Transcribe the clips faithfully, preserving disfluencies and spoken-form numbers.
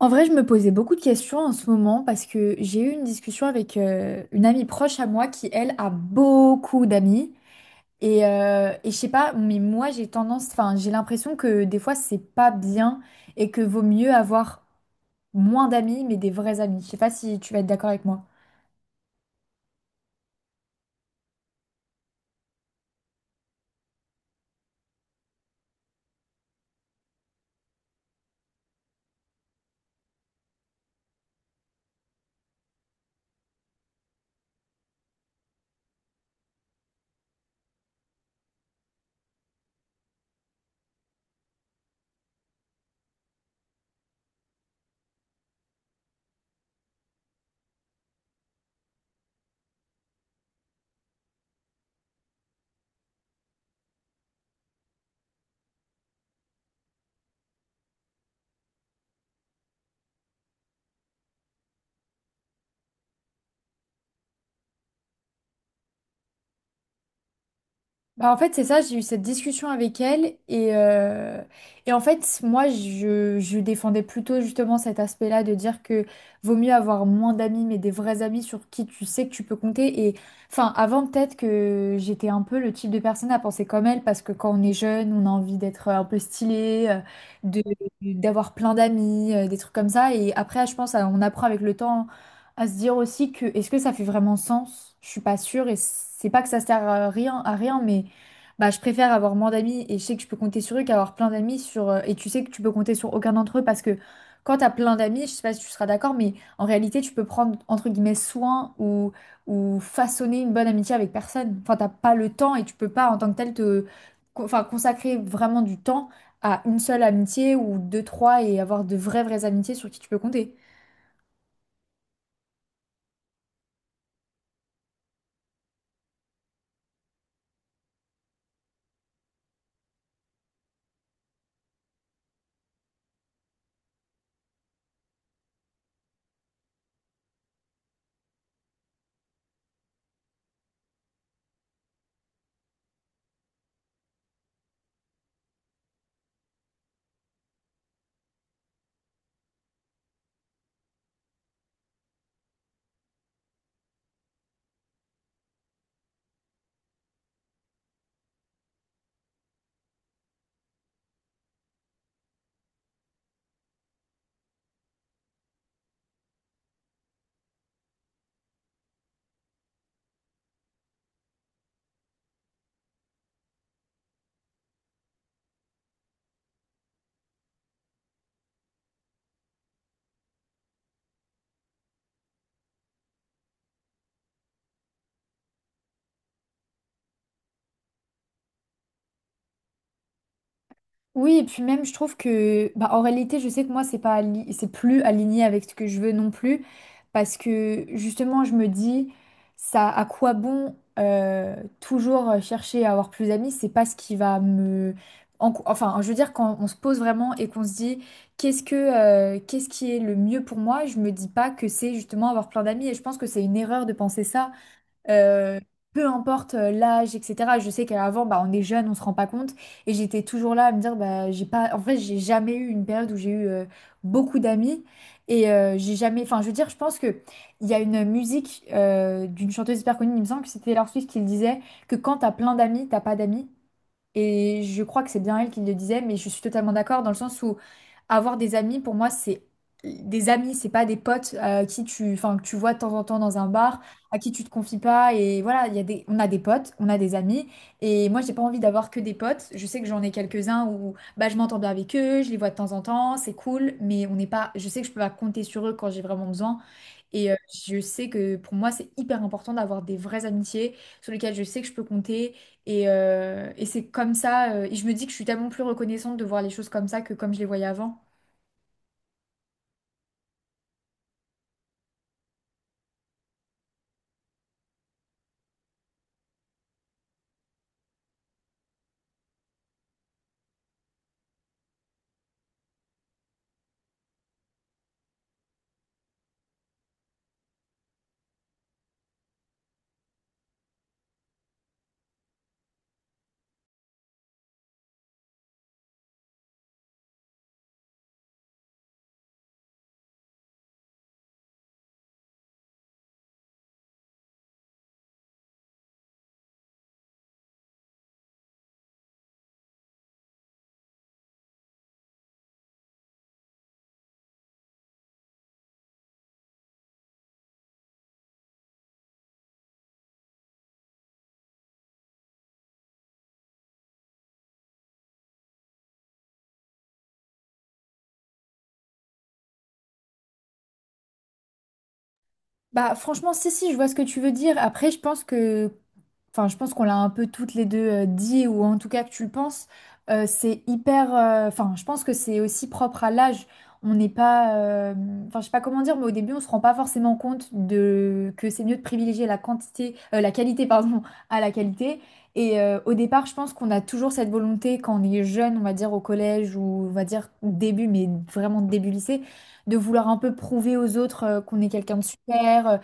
En vrai, je me posais beaucoup de questions en ce moment parce que j'ai eu une discussion avec euh, une amie proche à moi qui, elle, a beaucoup d'amis. Et, euh, et je sais pas, mais moi, j'ai tendance, enfin, j'ai l'impression que des fois, c'est pas bien et que vaut mieux avoir moins d'amis, mais des vrais amis. Je sais pas si tu vas être d'accord avec moi. Bah, en fait, c'est ça, j'ai eu cette discussion avec elle et, euh, et en fait, moi, je, je défendais plutôt justement cet aspect-là de dire que vaut mieux avoir moins d'amis, mais des vrais amis sur qui tu sais que tu peux compter. Et enfin, avant, peut-être que j'étais un peu le type de personne à penser comme elle, parce que quand on est jeune, on a envie d'être un peu stylé, euh, de, d'avoir plein d'amis, euh, des trucs comme ça. Et après, je pense, euh, on apprend avec le temps à se dire aussi que est-ce que ça fait vraiment sens? Je suis pas sûre et c'est pas que ça sert à rien, à rien, mais. Bah, je préfère avoir moins d'amis et je sais que je peux compter sur eux qu'avoir plein d'amis sur euh, et tu sais que tu peux compter sur aucun d'entre eux parce que quand t'as plein d'amis, je sais pas si tu seras d'accord, mais en réalité tu peux prendre entre guillemets soin ou ou façonner une bonne amitié avec personne. Enfin, t'as pas le temps et tu peux pas en tant que tel te co- enfin consacrer vraiment du temps à une seule amitié ou deux, trois et avoir de vraies vraies amitiés sur qui tu peux compter. Oui, et puis même, je trouve que, bah, en réalité, je sais que moi, c'est pas, ali- c'est plus aligné avec ce que je veux non plus, parce que justement, je me dis, ça, à quoi bon euh, toujours chercher à avoir plus d'amis, c'est pas ce qui va me, en- enfin, je veux dire, quand on se pose vraiment et qu'on se dit, qu'est-ce que, euh, qu'est-ce qui est le mieux pour moi, je me dis pas que c'est justement avoir plein d'amis, et je pense que c'est une erreur de penser ça. Euh, Peu importe euh, l'âge, et cetera. Je sais qu'avant, bah, on est jeune, on se rend pas compte. Et j'étais toujours là à me dire, bah, j'ai pas... En vrai, j'ai jamais eu une période où j'ai eu euh, beaucoup d'amis. Et euh, j'ai jamais... Enfin, je veux dire, je pense que il y a une musique euh, d'une chanteuse hyper connue, il me semble que c'était Taylor Swift qui le disait, que quand t'as plein d'amis, t'as pas d'amis. Et je crois que c'est bien elle qui le disait, mais je suis totalement d'accord dans le sens où avoir des amis, pour moi, c'est des amis, c'est pas des potes euh, qui tu, enfin, que tu vois de temps en temps dans un bar, à qui tu te confies pas. Et voilà, il y a des, on a des potes, on a des amis. Et moi, j'ai pas envie d'avoir que des potes. Je sais que j'en ai quelques-uns où bah, je m'entends bien avec eux, je les vois de temps en temps, c'est cool, mais on n'est pas, je sais que je peux pas compter sur eux quand j'ai vraiment besoin. Et euh, je sais que pour moi, c'est hyper important d'avoir des vraies amitiés sur lesquelles je sais que je peux compter. Et, euh, et c'est comme ça. euh, et je me dis que je suis tellement plus reconnaissante de voir les choses comme ça que comme je les voyais avant. Bah franchement, si, si, je vois ce que tu veux dire. Après, je pense que enfin, je pense qu'on l'a un peu toutes les deux euh, dit, ou en tout cas que tu le penses, euh, c'est hyper. euh, Enfin, je pense que c'est aussi propre à l'âge. On n'est pas. euh, Enfin, je sais pas comment dire, mais au début, on se rend pas forcément compte de que c'est mieux de privilégier la quantité, euh, la qualité, pardon, à la qualité. Et euh, au départ, je pense qu'on a toujours cette volonté quand on est jeune, on va dire au collège ou on va dire début, mais vraiment début lycée, de vouloir un peu prouver aux autres euh, qu'on est quelqu'un de super. euh,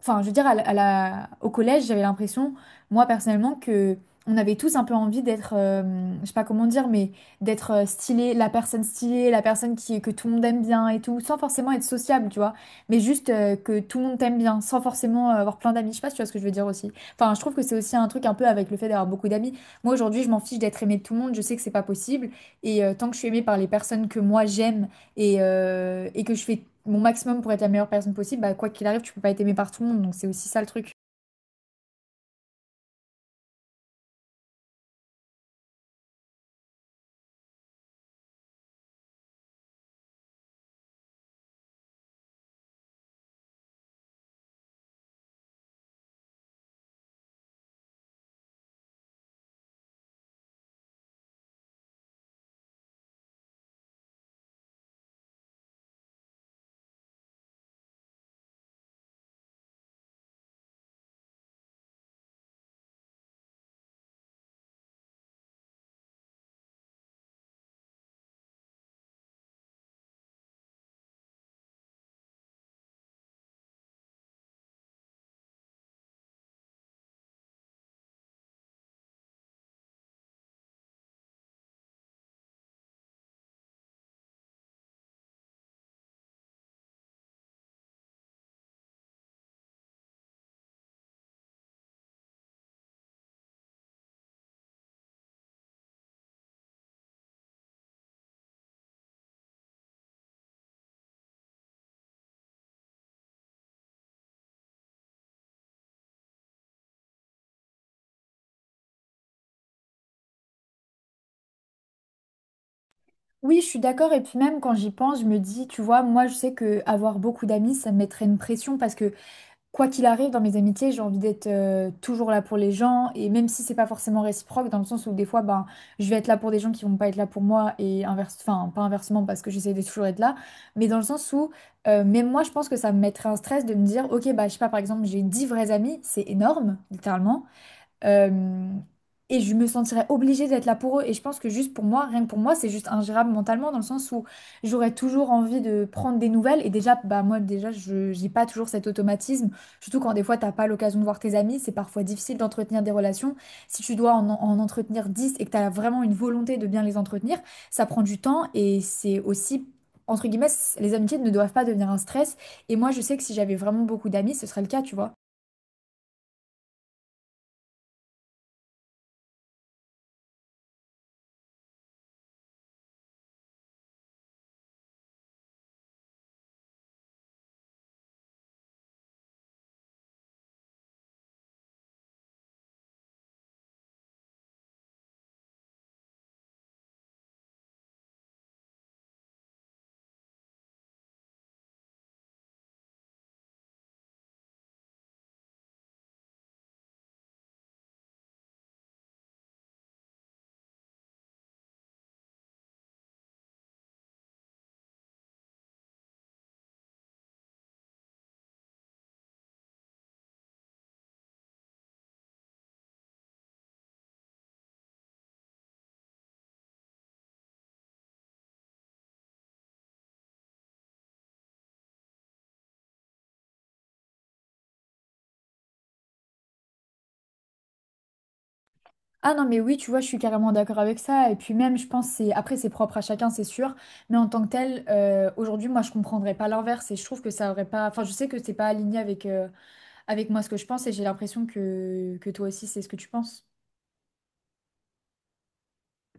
Enfin, je veux dire, à la- à la- au collège, j'avais l'impression moi personnellement, que on avait tous un peu envie d'être, euh, je sais pas comment dire, mais d'être euh, stylé, la personne stylée, la personne qui, que tout le monde aime bien et tout, sans forcément être sociable, tu vois, mais juste euh, que tout le monde t'aime bien, sans forcément euh, avoir plein d'amis. Je sais pas si tu vois ce que je veux dire aussi. Enfin, je trouve que c'est aussi un truc un peu avec le fait d'avoir beaucoup d'amis. Moi aujourd'hui, je m'en fiche d'être aimée de tout le monde, je sais que c'est pas possible, et euh, tant que je suis aimée par les personnes que moi j'aime et, euh, et que je fais mon maximum pour être la meilleure personne possible, bah, quoi qu'il arrive, tu peux pas être aimée par tout le monde, donc c'est aussi ça le truc. Oui, je suis d'accord. Et puis même quand j'y pense, je me dis, tu vois, moi je sais que avoir beaucoup d'amis, ça me mettrait une pression parce que quoi qu'il arrive dans mes amitiés, j'ai envie d'être euh, toujours là pour les gens. Et même si c'est pas forcément réciproque, dans le sens où des fois, ben, je vais être là pour des gens qui vont pas être là pour moi et inverse, enfin pas inversement parce que j'essaie de toujours être là, mais dans le sens où euh, même moi, je pense que ça me mettrait un stress de me dire, ok, bah je sais pas, par exemple, j'ai dix vrais amis, c'est énorme, littéralement. Euh, et je me sentirais obligée d'être là pour eux. Et je pense que juste pour moi, rien que pour moi, c'est juste ingérable mentalement dans le sens où j'aurais toujours envie de prendre des nouvelles. Et déjà, bah moi, déjà, je j'ai pas toujours cet automatisme. Surtout quand des fois, t'as pas l'occasion de voir tes amis, c'est parfois difficile d'entretenir des relations. Si tu dois en, en entretenir dix et que t'as vraiment une volonté de bien les entretenir, ça prend du temps et c'est aussi... Entre guillemets, les amitiés ne doivent pas devenir un stress. Et moi, je sais que si j'avais vraiment beaucoup d'amis, ce serait le cas, tu vois. Ah non, mais oui, tu vois, je suis carrément d'accord avec ça. Et puis même, je pense, c'est après, c'est propre à chacun, c'est sûr. Mais en tant que tel, euh, aujourd'hui, moi, je comprendrais pas l'inverse et je trouve que ça aurait pas. Enfin, je sais que c'est pas aligné avec, euh, avec moi ce que je pense et j'ai l'impression que, que toi aussi, c'est ce que tu penses.